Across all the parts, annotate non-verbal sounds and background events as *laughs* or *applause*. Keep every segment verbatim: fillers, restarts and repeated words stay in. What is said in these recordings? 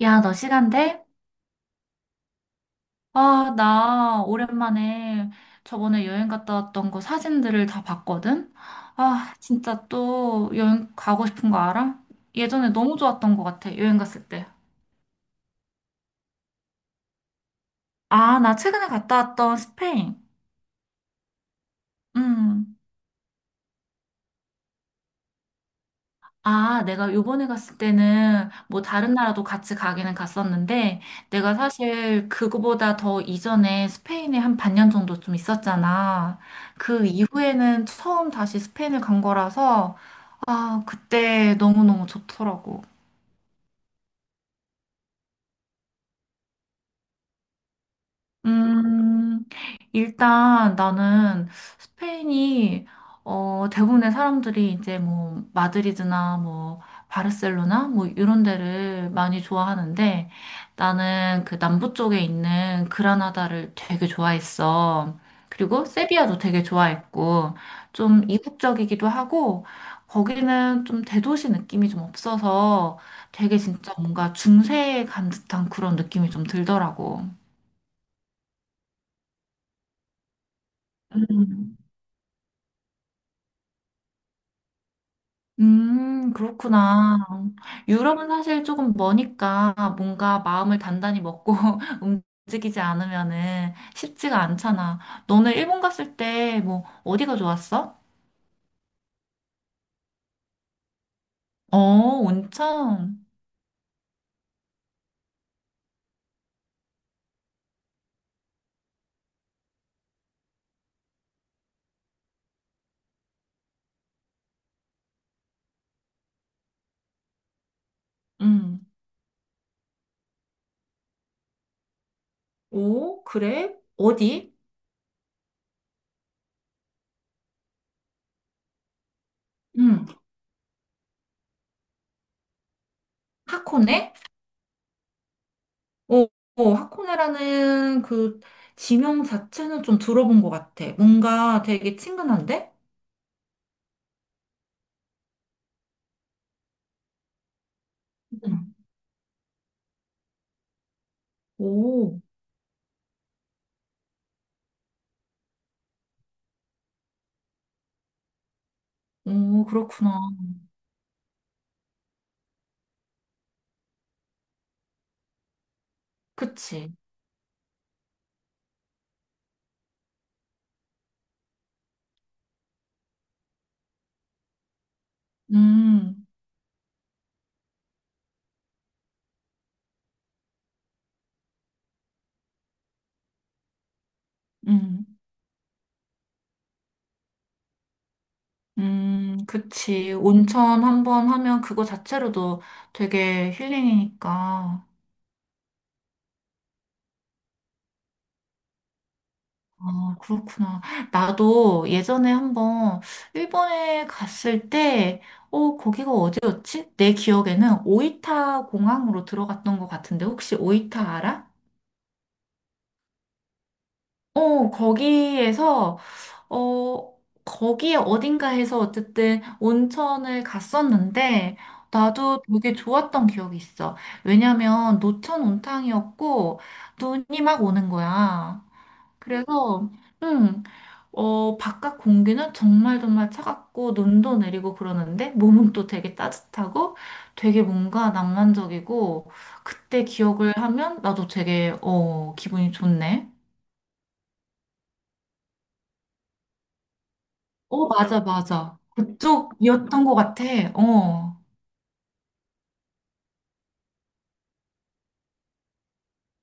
야, 너 시간 돼? 아, 나 오랜만에 저번에 여행 갔다 왔던 거 사진들을 다 봤거든? 아, 진짜 또 여행 가고 싶은 거 알아? 예전에 너무 좋았던 것 같아, 여행 갔을 때. 아, 나 최근에 갔다 왔던 스페인. 음. 아, 내가 요번에 갔을 때는 뭐 다른 나라도 같이 가기는 갔었는데 내가 사실 그거보다 더 이전에 스페인에 한 반년 정도 좀 있었잖아. 그 이후에는 처음 다시 스페인을 간 거라서 아, 그때 너무너무 좋더라고. 음, 일단 나는 스페인이, 어, 대부분의 사람들이 이제 뭐, 마드리드나 뭐, 바르셀로나 뭐, 이런 데를 많이 좋아하는데 나는 그 남부 쪽에 있는 그라나다를 되게 좋아했어. 그리고 세비야도 되게 좋아했고, 좀 이국적이기도 하고, 거기는 좀 대도시 느낌이 좀 없어서 되게 진짜 뭔가 중세에 간 듯한 그런 느낌이 좀 들더라고. 음. 음, 그렇구나. 유럽은 사실 조금 머니까 뭔가 마음을 단단히 먹고 *laughs* 움직이지 않으면은 쉽지가 않잖아. 너는 일본 갔을 때 뭐 어디가 좋았어? 어, 온천. 음. 오, 그래? 어디? 음, 하코네? 오, 오, 하코네라는 그 지명 자체는 좀 들어본 것 같아. 뭔가 되게 친근한데? 음. 오, 오, 그렇구나. 그치. 음. 음, 음, 그치. 온천 한번 하면 그거 자체로도 되게 힐링이니까. 아, 그렇구나. 나도 예전에 한번 일본에 갔을 때, 어, 거기가 어디였지? 내 기억에는 오이타 공항으로 들어갔던 것 같은데, 혹시 오이타 알아? 어, 거기에서, 어, 거기에 어딘가에서 어쨌든 온천을 갔었는데, 나도 되게 좋았던 기억이 있어. 왜냐면 노천 온탕이었고, 눈이 막 오는 거야. 그래서, 음, 어, 바깥 공기는 정말 정말 차갑고, 눈도 내리고 그러는데, 몸은 또 되게 따뜻하고, 되게 뭔가 낭만적이고, 그때 기억을 하면 나도 되게, 어, 기분이 좋네. 어, 맞아, 맞아. 그쪽이었던 것 같아. 어.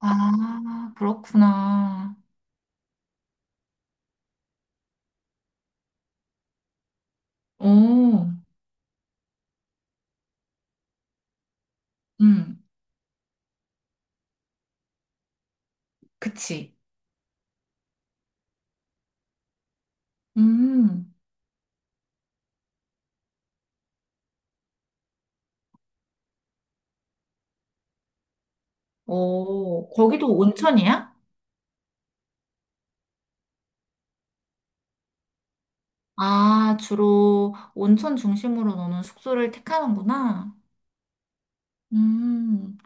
아, 그렇구나. 어, 음, 그치. 음, 어, 거기도 온천이야? 아, 주로 온천 중심으로 너는 숙소를 택하는구나. 음,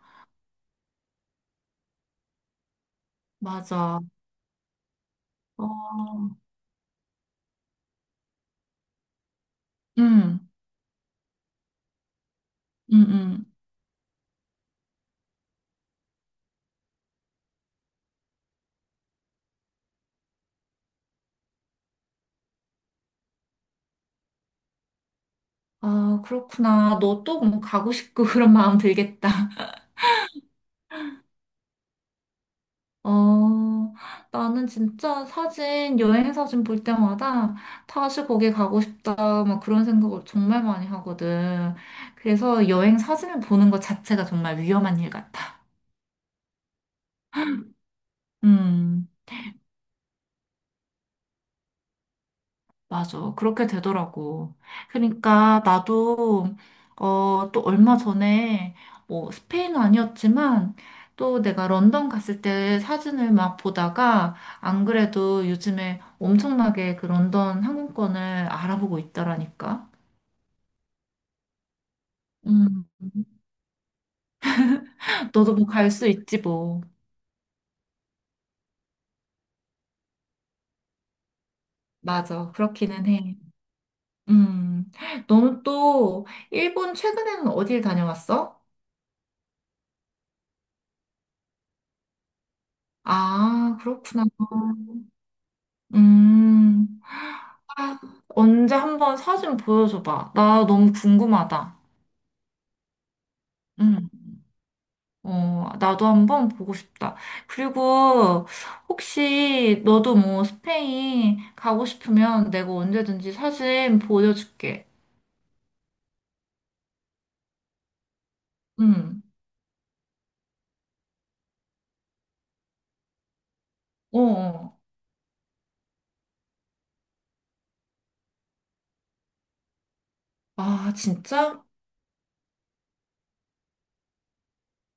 맞아. 어, 음, 음, 음. 아, 그렇구나. 너또 뭐 가고 싶고 *laughs* 그런 마음 들겠다. 어, 나는 진짜 사진, 여행 사진 볼 때마다 다시 거기 가고 싶다, 막 그런 생각을 정말 많이 하거든. 그래서 여행 사진을 보는 것 자체가 정말 위험한 일 같아. 음. 맞아. 그렇게 되더라고. 그러니까 나도, 어, 또 얼마 전에, 뭐, 스페인은 아니었지만, 또 내가 런던 갔을 때 사진을 막 보다가, 안 그래도 요즘에 엄청나게 그 런던 항공권을 알아보고 있더라니까. 음, 너도 뭐 갈 수 있지 뭐. 맞아. 그렇기는 해. 음, 너는 또 일본 최근에는 어딜 다녀왔어? 아, 그렇구나. 음. 아, 언제 한번 사진 보여줘봐. 나 너무 궁금하다. 응. 어, 나도 한번 보고 싶다. 그리고 혹시 너도 뭐 스페인 가고 싶으면 내가 언제든지 사진 보여줄게. 응. 어. 어. 아, 진짜?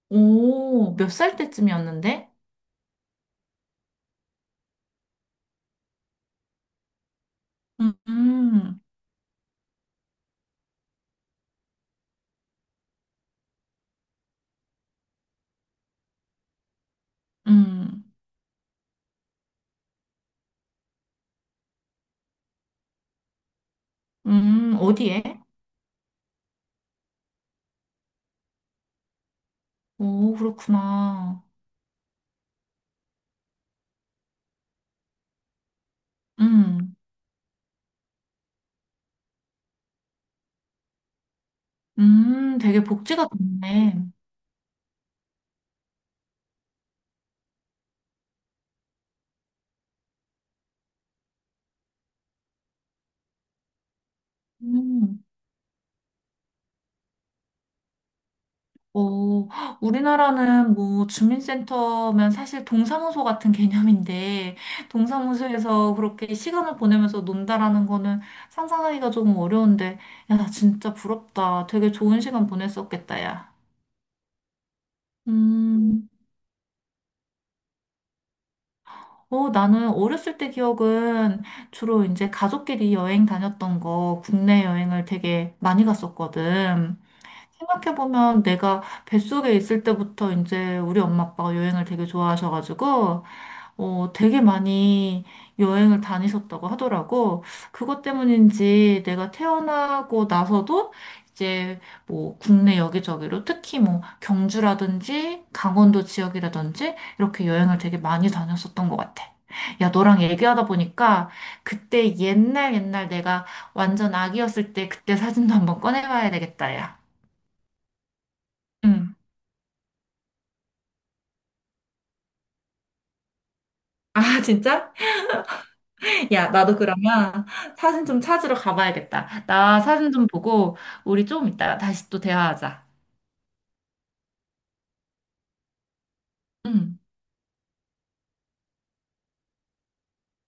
오, 몇 살 때쯤이었는데? 음, 음, 음, 음, 어디에? 오, 그렇구나. 음, 음, 되게 복지가 좋네. 음. 어, 우리나라는 뭐 주민센터면 사실 동사무소 같은 *laughs* 개념인데, 동사무소에서 그렇게 시간을 보내면서 논다라는 거는 상상하기가 조금 어려운데, 야, 나 진짜 부럽다. 되게 좋은 시간 보냈었겠다, 야. 음, 어, 나는 어렸을 때 기억은 주로 이제 가족끼리 여행 다녔던 거, 국내 여행을 되게 많이 갔었거든. 생각해보면 내가 뱃속에 있을 때부터 이제 우리 엄마 아빠가 여행을 되게 좋아하셔가지고, 어, 되게 많이 여행을 다니셨다고 하더라고. 그것 때문인지 내가 태어나고 나서도 이제 뭐 국내 여기저기로 특히 뭐 경주라든지 강원도 지역이라든지 이렇게 여행을 되게 많이 다녔었던 것 같아. 야, 너랑 얘기하다 보니까 그때 옛날 옛날 내가 완전 아기였을 때 그때 사진도 한번 꺼내봐야 되겠다, 야. 응. 아, 진짜? 야, 나도 그러면 사진 좀 찾으러 가봐야겠다. 나 사진 좀 보고 우리 좀 이따가 다시 또 대화하자. 응.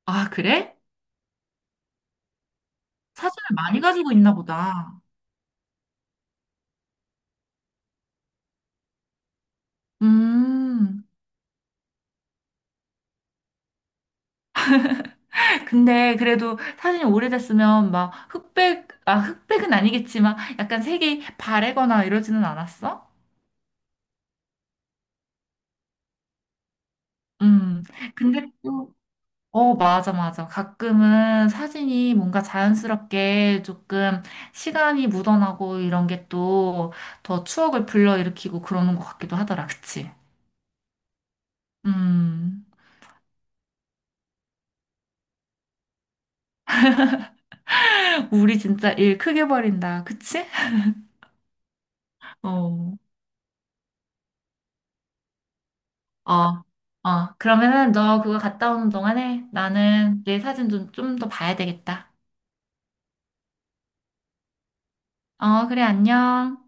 아, 그래? 사진을 많이 가지고 있나 보다. 음. 근데 그래도 사진이 오래됐으면 막 흑백, 아, 흑백은 아니겠지만 약간 색이 바래거나 이러지는 않았어? 음. 근데 또 어, 맞아, 맞아. 가끔은 사진이 뭔가 자연스럽게 조금 시간이 묻어나고 이런 게 또 더 추억을 불러일으키고 그러는 것 같기도 하더라. 그치? 음. *laughs* 우리 진짜 일 크게 벌인다. 그치? 어. 어. 어. 그러면은 너 그거 갔다 오는 동안에 나는 내 사진 좀, 좀 더 봐야 되겠다. 어, 그래, 안녕.